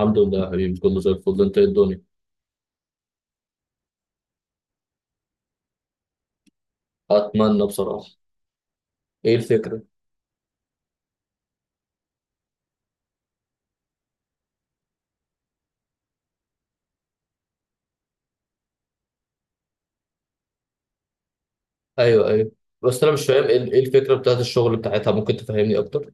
الحمد لله يا حبيبي، كله زي الفل. انت، ايه الدنيا؟ اتمنى بصراحه. ايه الفكره؟ ايوه، ايوه. بس انا مش فاهم ايه الفكره بتاعت الشغل بتاعتها، ممكن تفهمني اكتر؟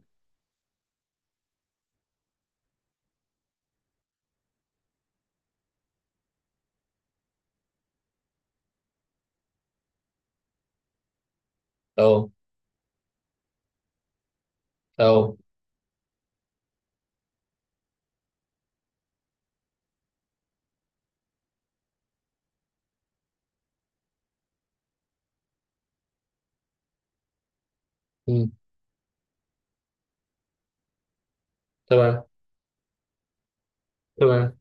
اه، اه، امم. تمام، تمام.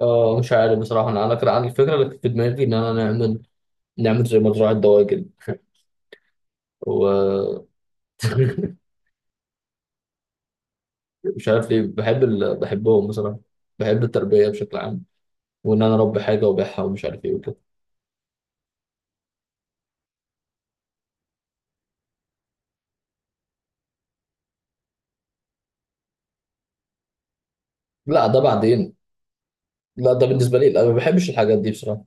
اه مش عارف بصراحه، انا كان عندي الفكره اللي كانت في دماغي ان انا نعمل زي مزرعه دواجن. و مش عارف ليه بحب بحبهم بصراحه. بحب التربيه بشكل عام، وان انا اربي حاجه وابيعها ومش عارف ايه وكده. لا ده بعدين. لا ده بالنسبه لي، لا، ما بحبش الحاجات دي بصراحه.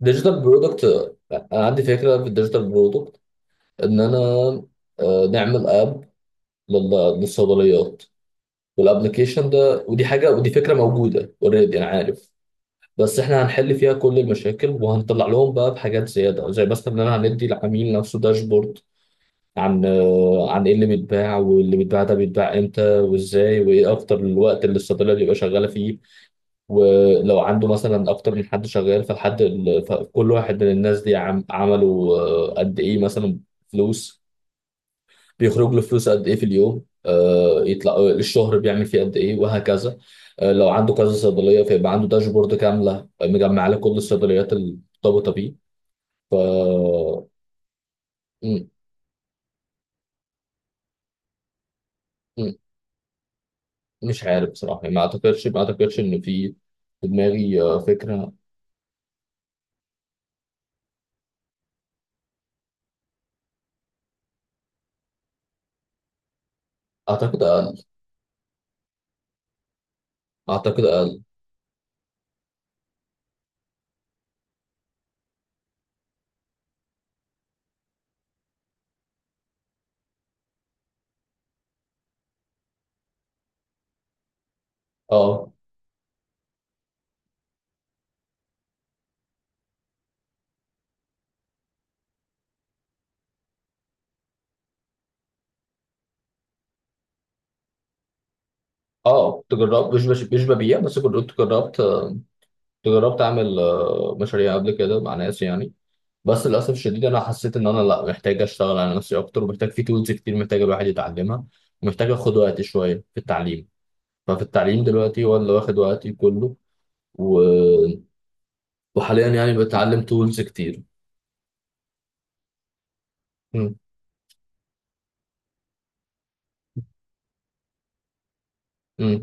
ديجيتال برودكت. عندي فكره في الديجيتال برودكت، ان انا نعمل اب للصيدليات. والابلكيشن ده، ودي حاجه، ودي فكره موجوده اوريدي، انا عارف. بس احنا هنحل فيها كل المشاكل، وهنطلع لهم بقى بحاجات زياده زي مثلا ان انا هندي العميل نفسه داشبورد عن ايه اللي بيتباع، واللي بيتباع ده بيتباع امتى وازاي، وايه اكتر الوقت اللي الصيدليه بيبقى شغاله فيه. ولو عنده مثلا اكتر من حد شغال، فكل واحد من الناس دي عملوا قد ايه مثلا فلوس، بيخرج له فلوس قد ايه في اليوم، يطلع الشهر بيعمل فيه قد ايه، وهكذا. لو عنده كذا صيدليه فيبقى عنده داشبورد كامله مجمع له كل الصيدليات المرتبطه بيه. ف م- م- مش عارف بصراحه، يعني ما اعتقدش ان في دماغي فكره. اعتقد اقل. اعتقد اقل. اه، اه. تجرب، مش ببيع. بس كنت جربت اعمل مشاريع قبل كده مع ناس يعني. بس للاسف الشديد، انا حسيت ان انا لا، محتاج اشتغل على نفسي اكتر، ومحتاج في تولز كتير محتاج الواحد يتعلمها، ومحتاج اخد وقت شويه في التعليم. ففي التعليم دلوقتي هو اللي واخد وقتي كله. و... وحاليا يعني بتعلم تولز كتير. مم. مم.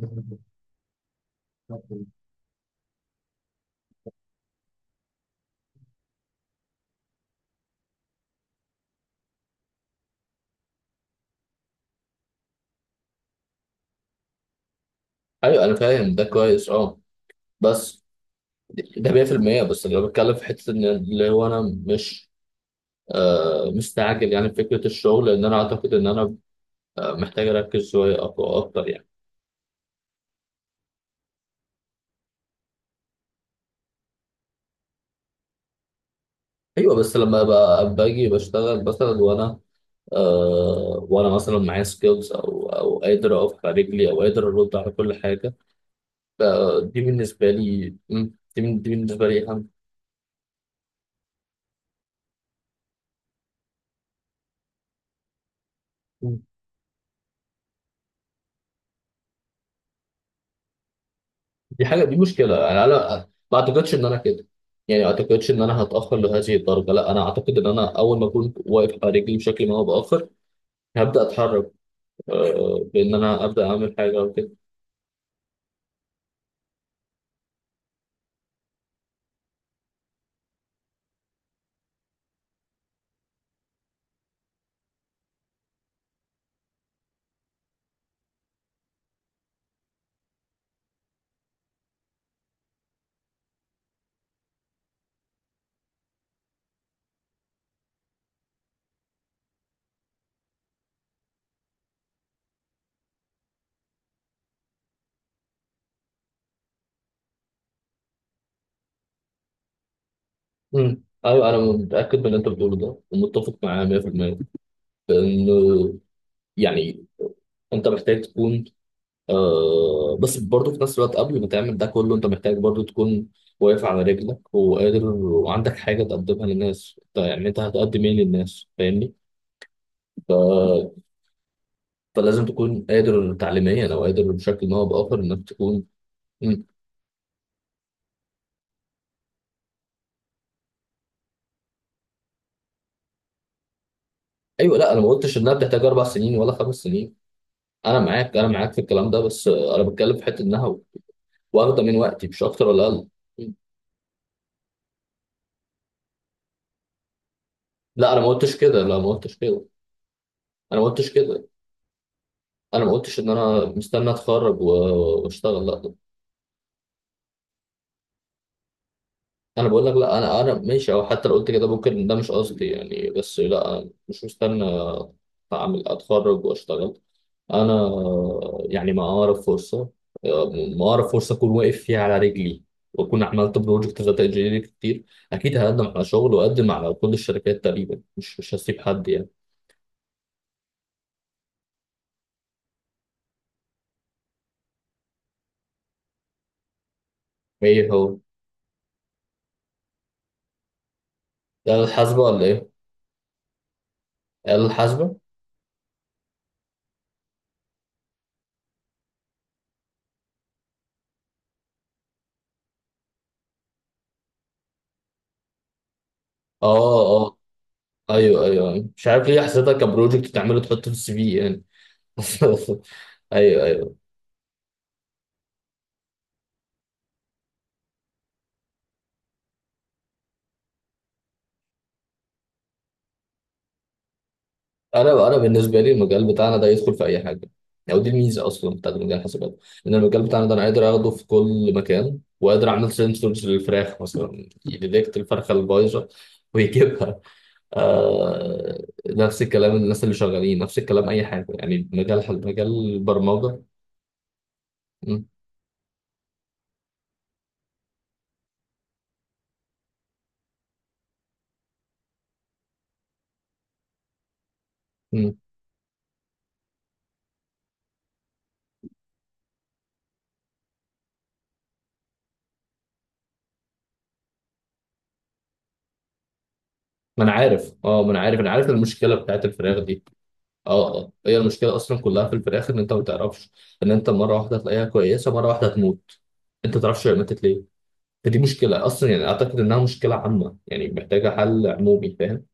ايوه، انا فاهم ده كويس، اه. بس ده 100%. بس انا بتكلم في حته ان اللي هو انا مش مستعجل يعني في فكره الشغل، لان انا اعتقد ان انا محتاج اركز شويه اكتر يعني. ايوه بس لما باجي بشتغل مثلا وانا، وانا مثلا معايا سكيلز، او قادر اقف على رجلي او قادر ارد على كل حاجه. ف- دي بالنسبه لي اهم. مم. دي حاجه، دي مشكله، يعني انا ما اعتقدش ان انا كده. يعني ما اعتقدش ان انا هتاخر لهذه الدرجه، لا انا اعتقد ان انا اول ما اكون واقف على رجلي بشكل ما، هو باخر، هبدا اتحرك، بان انا ابدا اعمل حاجه او كده. مم. ايوه، انا متاكد من اللي انت بتقوله ده، ومتفق معاه 100%. لانه يعني انت محتاج تكون، بس برضه في نفس الوقت قبل ما تعمل ده كله، انت محتاج برضه تكون واقف على رجلك، وقادر، وعندك حاجه تقدمها للناس. انت يعني انت هتقدم ايه للناس، فاهمني؟ ف... فلازم تكون قادر تعليميا، او قادر بشكل ما، او باخر انك تكون. مم. ايوه لا، انا ما قلتش انها بتحتاج اربع سنين ولا خمس سنين. انا معاك في الكلام ده، بس انا بتكلم في حته انها واخده من وقتي، مش اكتر ولا اقل. مم. لا انا ما قلتش كده، لا، ما قلتش كده. انا ما قلتش كده. انا ما قلتش ان انا مستني اتخرج واشتغل، لا. انا بقول لك لا، انا ماشي، او حتى لو قلت كده ممكن ده مش قصدي يعني، بس لا أنا مش مستني اعمل اتخرج واشتغل. انا يعني ما اعرف فرصه، ما اعرف فرصه اكون واقف فيها على رجلي، واكون عملت بروجكت داتا انجينيرنج كتير، اكيد هقدم على شغل واقدم على كل الشركات تقريبا، مش هسيب حد يعني. ايه هو؟ ده آلة حاسبة ولا إيه؟ آلة حاسبة؟ آه، آه. أيوه، أيوه، أيوه، مش عارف ليه حسيتها كبروجكت تعمله تحطه في السي في يعني. أيوه، أيوه. أنا بالنسبة لي المجال بتاعنا ده يدخل في أي حاجة، يعني ودي الميزة أصلا بتاعت مجال الحاسبات. إن المجال بتاعنا ده أنا قادر آخده في كل مكان، وقادر أعمل سنسورز للفراخ مثلا يديتكت الفرخة البايظة ويجيبها. آه نفس الكلام، الناس اللي شغالين نفس الكلام، أي حاجة يعني، مجال مجال البرمجة. م- م. ما انا عارف، اه، ما انا عارف، انا عارف المشكله بتاعت الفراخ دي. اه، اه. هي المشكله اصلا كلها في الفراخ ان انت ما تعرفش، ان انت مره واحده تلاقيها كويسه، مره واحده تموت، انت ما تعرفش هي ماتت ليه. فدي مشكله اصلا، يعني اعتقد انها مشكله عامه، يعني محتاجه حل عمومي، فاهم؟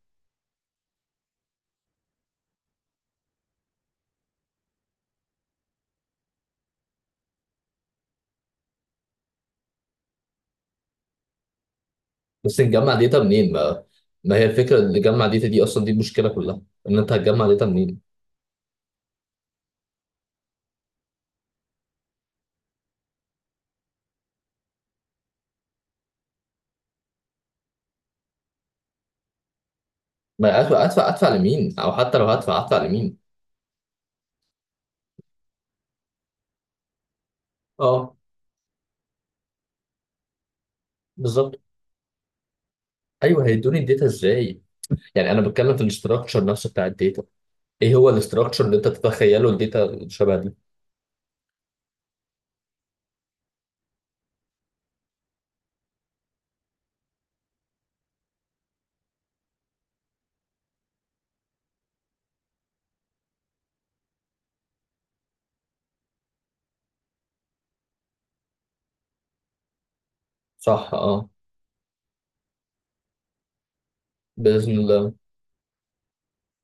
بس نجمع داتا منين، ما هي الفكره اللي نجمع داتا دي، اصلا دي المشكله كلها. ان انت هتجمع داتا منين؟ ما ادفع، ادفع لمين؟ او حتى لو هدفع، ادفع لمين؟ اه، بالظبط. ايوه، هيدوني الداتا ازاي؟ يعني انا بتكلم في الاستراكشر نفسه بتاع الداتا. ايه هو الاستراكشر اللي انت تتخيله الداتا شبه دي؟ صح، اه، باذن الله.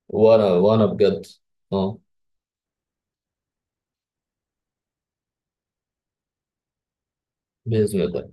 وانا بجد، اه، باذن الله.